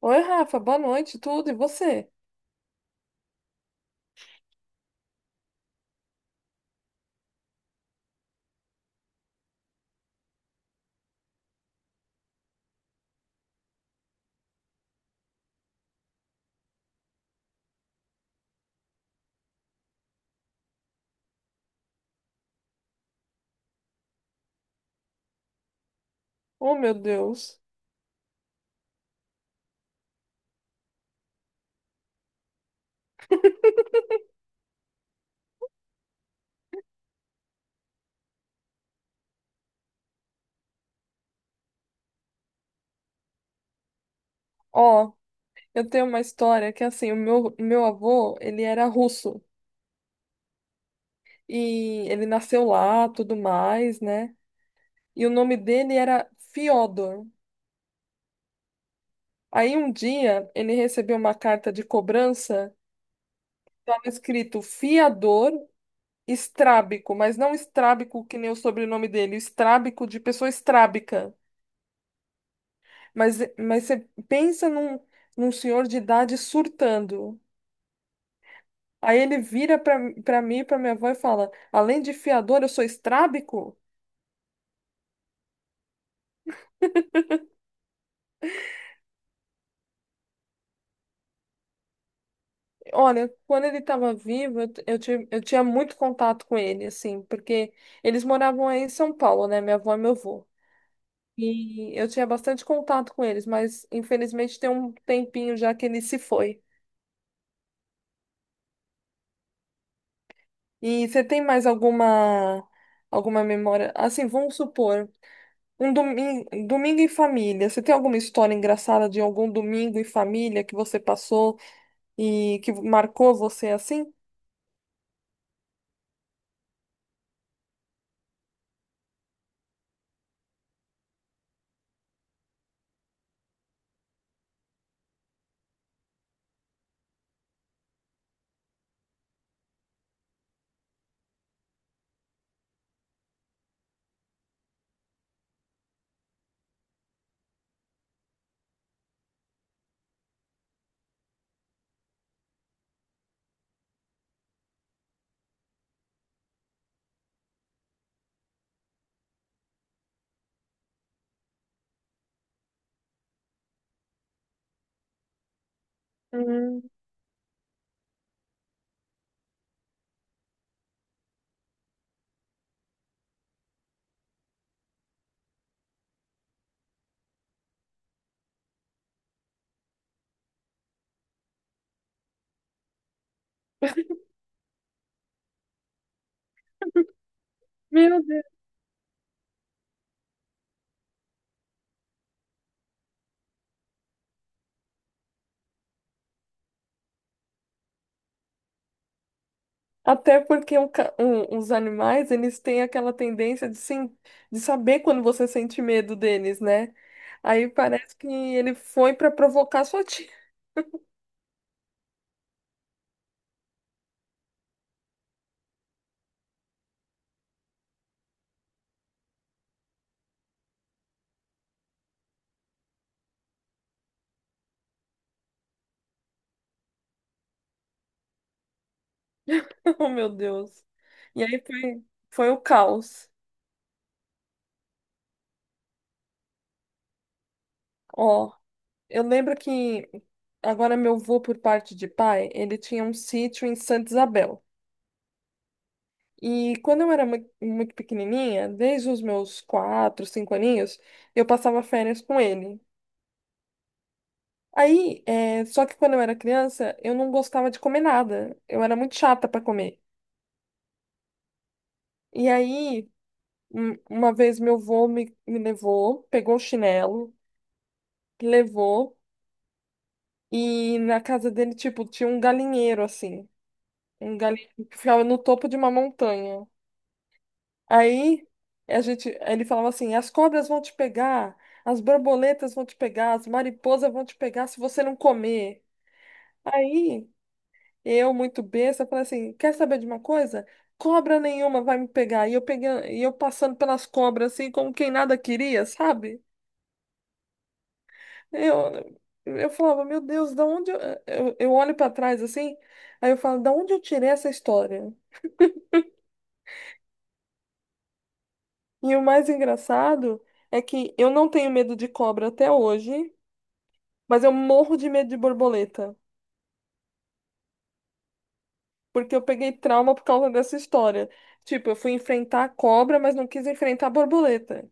Oi, Rafa, boa noite, tudo, e você? Oh, meu Deus. Ó, eu tenho uma história que, assim, o meu avô, ele era russo, e ele nasceu lá, tudo mais, né? E o nome dele era Fiodor. Aí, um dia, ele recebeu uma carta de cobrança, estava escrito fiador estrábico, mas não estrábico que nem o sobrenome dele, estrábico de pessoa estrábica. Mas você pensa num senhor de idade surtando. Aí ele pra mim, e pra minha avó e fala: além de fiador, eu sou estrábico? Olha, quando ele estava vivo, eu, t- eu, ti- eu tinha muito contato com ele, assim, porque eles moravam aí em São Paulo, né? Minha avó e meu avô. E eu tinha bastante contato com eles, mas infelizmente tem um tempinho já que ele se foi. E você tem mais alguma memória? Assim, vamos supor, um domingo em família. Você tem alguma história engraçada de algum domingo em família que você passou e que marcou você assim? Hum. Meu Deus. Até porque os animais, eles têm aquela tendência de, de saber quando você sente medo deles, né? Aí parece que ele foi para provocar sua tia. Oh, meu Deus. E foi o caos. Ó, eu lembro que agora meu avô, por parte de pai, ele tinha um sítio em Santa Isabel. E quando eu era muito pequenininha, desde os meus quatro, cinco aninhos, eu passava férias com ele. Aí, só que quando eu era criança, eu não gostava de comer nada. Eu era muito chata para comer. E aí, uma vez meu me levou, pegou o chinelo, me levou, e na casa dele, tipo, tinha um galinheiro assim. Um galinheiro que ficava no topo de uma montanha. Aí a gente, ele falava assim: as cobras vão te pegar, as borboletas vão te pegar, as mariposas vão te pegar se você não comer. Aí eu, muito besta, falei assim: quer saber de uma coisa? Cobra nenhuma vai me pegar. E eu pegando, e eu passando pelas cobras assim, como quem nada queria, sabe? Eu, eu falava: meu Deus, eu olho para trás assim? Aí eu falo: da onde eu tirei essa história? E o mais engraçado é que eu não tenho medo de cobra até hoje. Mas eu morro de medo de borboleta, porque eu peguei trauma por causa dessa história. Tipo, eu fui enfrentar a cobra, mas não quis enfrentar a borboleta.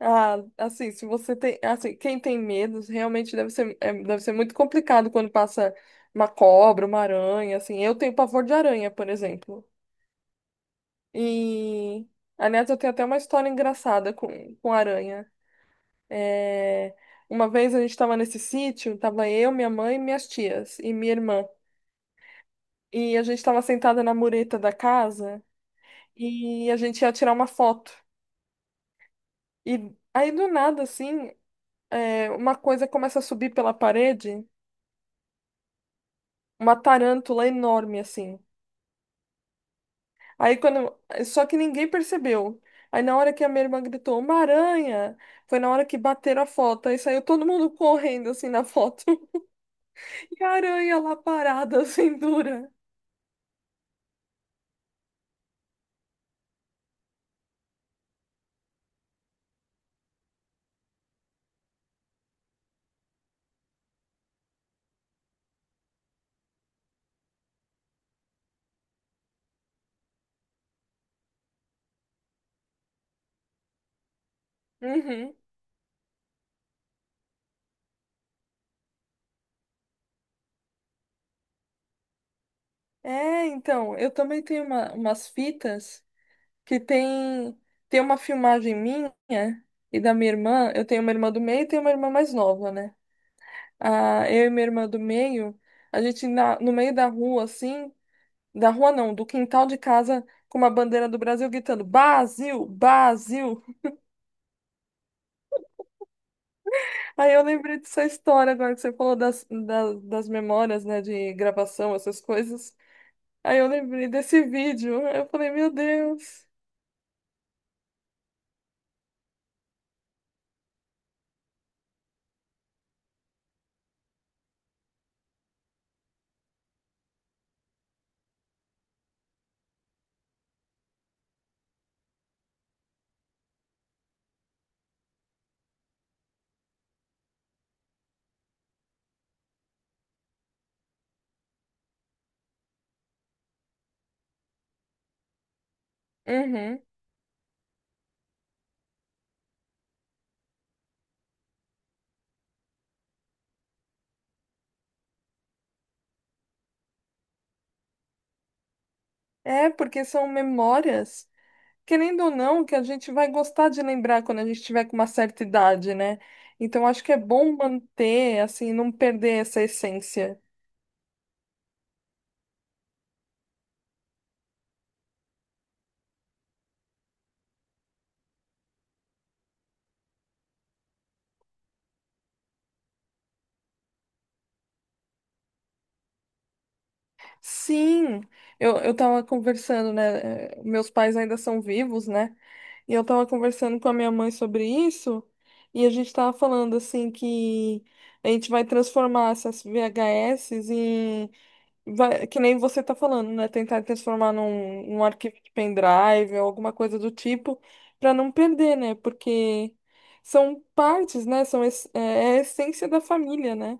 Ah, assim, se você tem, assim, quem tem medos, realmente deve ser, deve ser muito complicado quando passa uma cobra, uma aranha, assim. Eu tenho pavor de aranha, por exemplo. E, aliás, eu tenho até uma história engraçada com aranha. é Uma vez a gente estava nesse sítio, tava eu, minha mãe e minhas tias e minha irmã. E a gente tava sentada na mureta da casa e a gente ia tirar uma foto. E aí do nada, assim, uma coisa começa a subir pela parede, uma tarântula enorme, assim. Aí quando. Só que ninguém percebeu. Aí na hora que a minha irmã gritou: uma aranha! Foi na hora que bateram a foto. Aí saiu todo mundo correndo, assim, na foto. E a aranha lá parada, assim, dura. Uhum. É, então, eu também tenho umas fitas que tem tem uma filmagem minha e da minha irmã. Eu tenho uma irmã do meio e tenho uma irmã mais nova, né? Ah, eu e minha irmã do meio, no meio da rua, assim, da rua não, do quintal de casa, com uma bandeira do Brasil gritando: Brasil, Brasil! Aí eu lembrei dessa história agora que você falou das memórias, né, de gravação, essas coisas. Aí eu lembrei desse vídeo. Eu falei: meu Deus. Uhum. É, porque são memórias, querendo ou não, que a gente vai gostar de lembrar quando a gente tiver com uma certa idade, né? Então acho que é bom manter, assim, não perder essa essência. Sim, eu tava conversando, né? Meus pais ainda são vivos, né? E eu tava conversando com a minha mãe sobre isso, e a gente tava falando assim que a gente vai transformar essas VHS. Vai, que nem você tá falando, né? Tentar transformar num arquivo de pendrive ou alguma coisa do tipo, para não perder, né? Porque são partes, né? É a essência da família, né?